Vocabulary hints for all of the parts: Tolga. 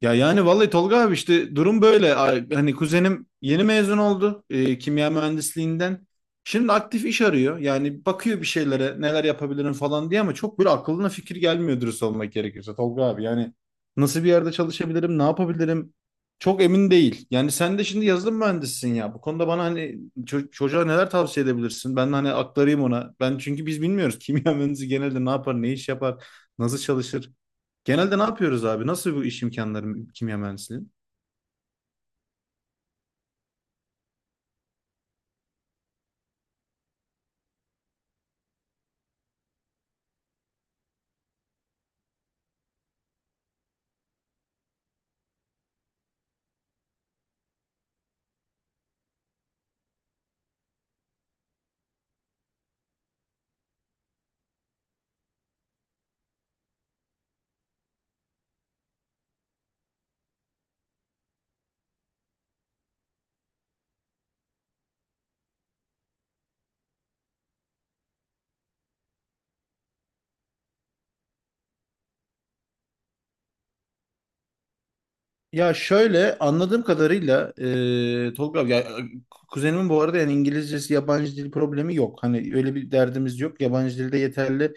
Ya yani vallahi Tolga abi işte durum böyle. Hani kuzenim yeni mezun oldu kimya mühendisliğinden. Şimdi aktif iş arıyor. Yani bakıyor bir şeylere neler yapabilirim falan diye ama çok böyle aklına fikir gelmiyor dürüst olmak gerekirse Tolga abi. Yani nasıl bir yerde çalışabilirim, ne yapabilirim çok emin değil. Yani sen de şimdi yazılım mühendisisin ya. Bu konuda bana hani çocuğa neler tavsiye edebilirsin? Ben de hani aktarayım ona. Ben çünkü biz bilmiyoruz kimya mühendisi genelde ne yapar, ne iş yapar, nasıl çalışır. Genelde ne yapıyoruz abi? Nasıl bu iş imkanları kimya mühendisliği? Ya şöyle anladığım kadarıyla Tolga abi, ya, kuzenimin bu arada yani İngilizcesi yabancı dil problemi yok. Hani öyle bir derdimiz yok. Yabancı dilde yeterli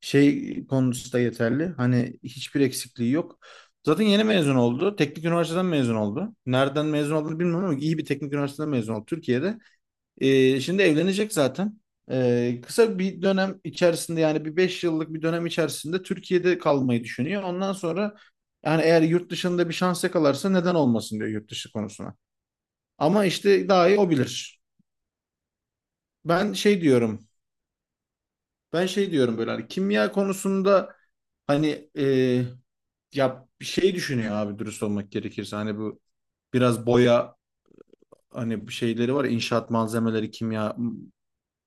şey konusu da yeterli. Hani hiçbir eksikliği yok. Zaten yeni mezun oldu. Teknik üniversiteden mezun oldu. Nereden mezun olduğunu bilmiyorum ama iyi bir teknik üniversiteden mezun oldu Türkiye'de. Şimdi evlenecek zaten. Kısa bir dönem içerisinde yani bir 5 yıllık bir dönem içerisinde Türkiye'de kalmayı düşünüyor. Ondan sonra yani eğer yurt dışında bir şans yakalarsa neden olmasın diyor yurt dışı konusuna. Ama işte daha iyi o bilir. Ben şey diyorum. Ben şey diyorum böyle hani kimya konusunda hani ya bir şey düşünüyor abi dürüst olmak gerekirse. Hani bu biraz boya hani bir şeyleri var ya, inşaat malzemeleri kimya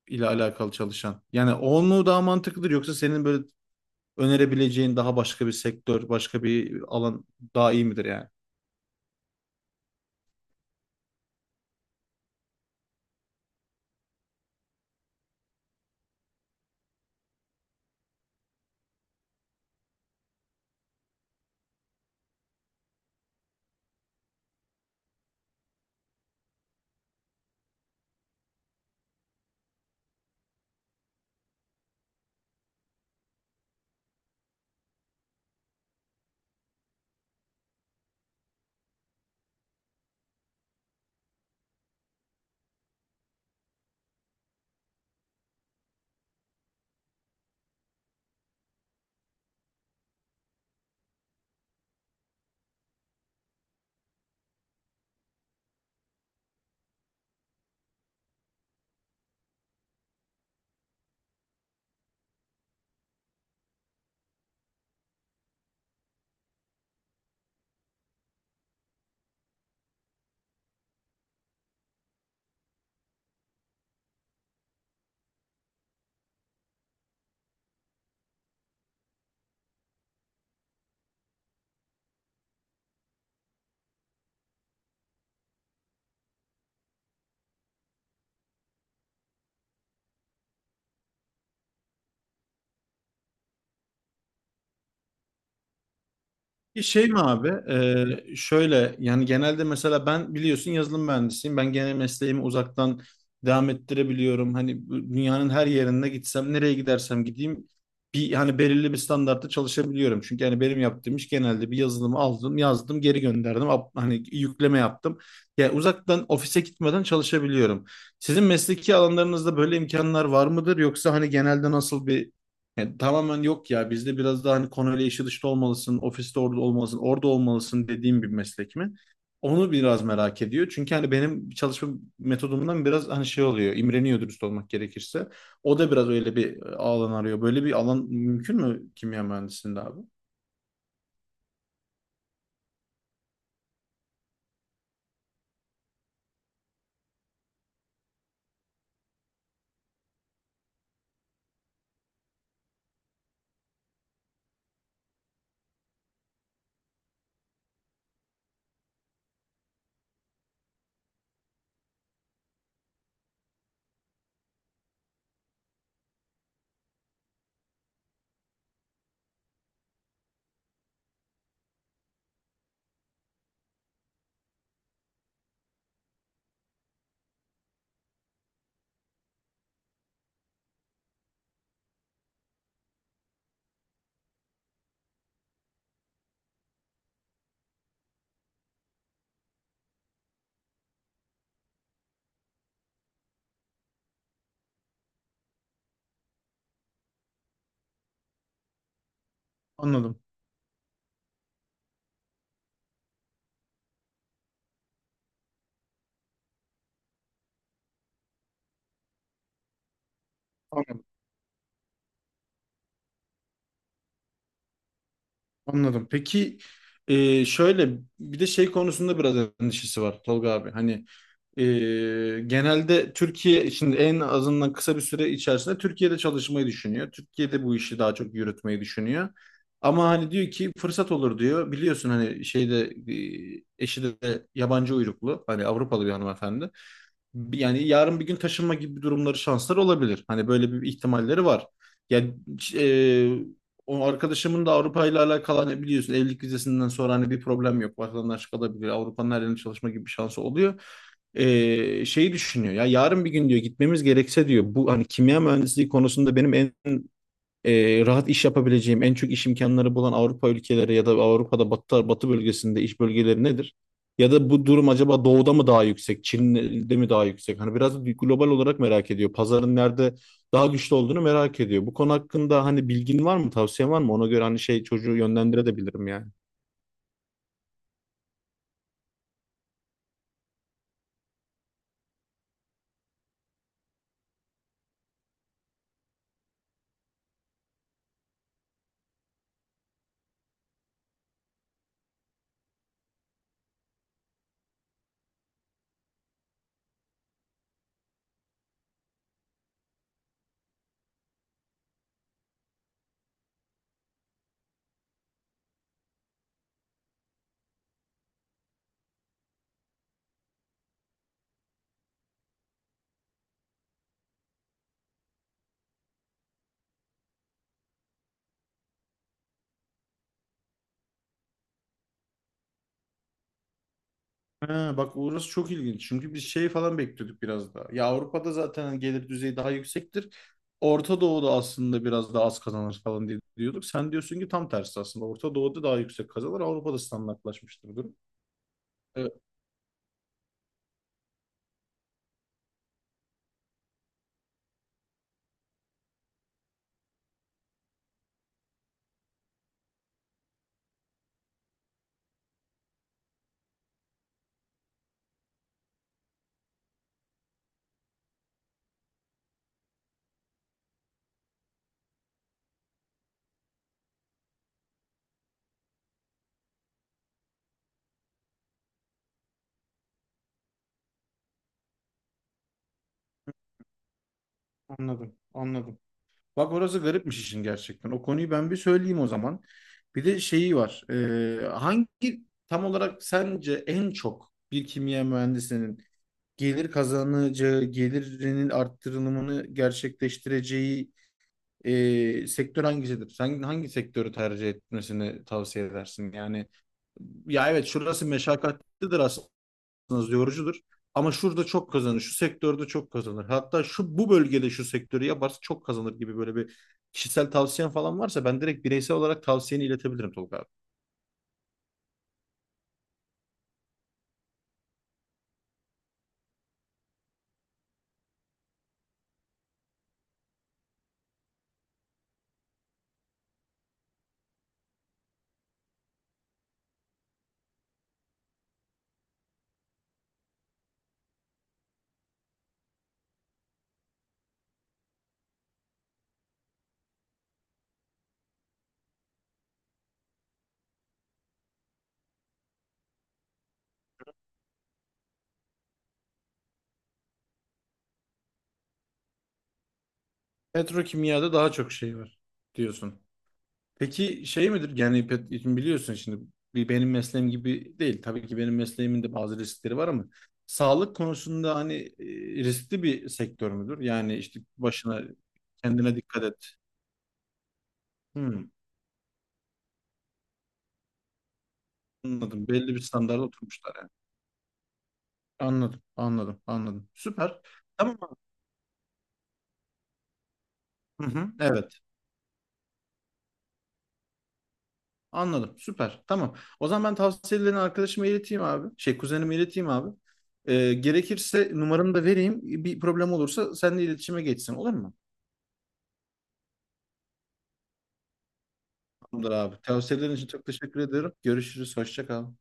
ile alakalı çalışan. Yani o mu daha mantıklıdır yoksa senin böyle önerebileceğin daha başka bir sektör, başka bir alan daha iyi midir yani? Bir şey mi abi? Şöyle yani genelde mesela ben biliyorsun yazılım mühendisiyim. Ben gene mesleğimi uzaktan devam ettirebiliyorum. Hani bu dünyanın her yerine gitsem, nereye gidersem gideyim bir hani belirli bir standartta çalışabiliyorum. Çünkü hani benim yaptığım iş genelde bir yazılımı aldım, yazdım, geri gönderdim. Hani yükleme yaptım. Yani uzaktan ofise gitmeden çalışabiliyorum. Sizin mesleki alanlarınızda böyle imkanlar var mıdır? Yoksa hani genelde nasıl bir yani tamamen yok ya bizde biraz daha hani konuyla işi dışta olmalısın, ofiste orada olmalısın, orada olmalısın dediğim bir meslek mi? Onu biraz merak ediyor. Çünkü hani benim çalışma metodumdan biraz hani şey oluyor, imreniyor dürüst olmak gerekirse. O da biraz öyle bir alan arıyor. Böyle bir alan mümkün mü kimya mühendisliğinde abi? Anladım. Anladım. Anladım. Peki şöyle bir de şey konusunda biraz endişesi var Tolga abi. Hani, genelde Türkiye şimdi en azından kısa bir süre içerisinde Türkiye'de çalışmayı düşünüyor. Türkiye'de bu işi daha çok yürütmeyi düşünüyor. Ama hani diyor ki fırsat olur diyor. Biliyorsun hani şeyde eşi de yabancı uyruklu hani Avrupalı bir hanımefendi. Yani yarın bir gün taşınma gibi durumları şansları olabilir. Hani böyle bir ihtimalleri var. Yani e, o arkadaşımın da Avrupa ile alakalı hani biliyorsun evlilik vizesinden sonra hani bir problem yok. Vatandaşlık alabilir. Avrupa'nın her yerine çalışma gibi bir şansı oluyor. Şeyi düşünüyor ya yarın bir gün diyor gitmemiz gerekse diyor bu hani kimya mühendisliği konusunda benim en rahat iş yapabileceğim en çok iş imkanları bulan Avrupa ülkeleri ya da Avrupa'da batı bölgesinde iş bölgeleri nedir? Ya da bu durum acaba doğuda mı daha yüksek, Çin'de mi daha yüksek? Hani biraz da global olarak merak ediyor. Pazarın nerede daha güçlü olduğunu merak ediyor. Bu konu hakkında hani bilgin var mı, tavsiyen var mı? Ona göre hani şey çocuğu yönlendirebilirim yani. Ha, bak orası çok ilginç. Çünkü biz şey falan bekliyorduk biraz daha. Ya Avrupa'da zaten hani gelir düzeyi daha yüksektir. Orta Doğu'da aslında biraz daha az kazanır falan diye diyorduk. Sen diyorsun ki tam tersi aslında. Orta Doğu'da daha yüksek kazanır. Avrupa'da standartlaşmıştır durum. Evet, anladım, anladım. Bak orası garipmiş işin gerçekten. O konuyu ben bir söyleyeyim o zaman. Bir de şeyi var. Hangi tam olarak sence en çok bir kimya mühendisinin gelir kazanacağı, gelirinin arttırılımını gerçekleştireceği sektör hangisidir? Sen hangi sektörü tercih etmesini tavsiye edersin? Yani ya evet şurası meşakkatlidir aslında yorucudur. Ama şurada çok kazanır, şu sektörde çok kazanır. Hatta şu bu bölgede şu sektörü yaparsa çok kazanır gibi böyle bir kişisel tavsiyen falan varsa ben direkt bireysel olarak tavsiyeni iletebilirim Tolga abi. Petrokimyada daha çok şey var diyorsun. Peki şey midir? Yani şimdi biliyorsun şimdi bir benim mesleğim gibi değil. Tabii ki benim mesleğimin de bazı riskleri var ama sağlık konusunda hani e, riskli bir sektör müdür? Yani işte başına kendine dikkat et. Hmm, anladım. Belli bir standarda oturmuşlar yani. Anladım, anladım, anladım. Süper. Tamam. Hı hı, evet. Anladım. Süper. Tamam. O zaman ben tavsiyelerini arkadaşıma ileteyim abi. Şey kuzenime ileteyim abi. Gerekirse numaramı da vereyim. Bir problem olursa seninle iletişime geçsin. Olur mu? Tamamdır abi. Tavsiyelerin için çok teşekkür ediyorum. Görüşürüz. Hoşça kal.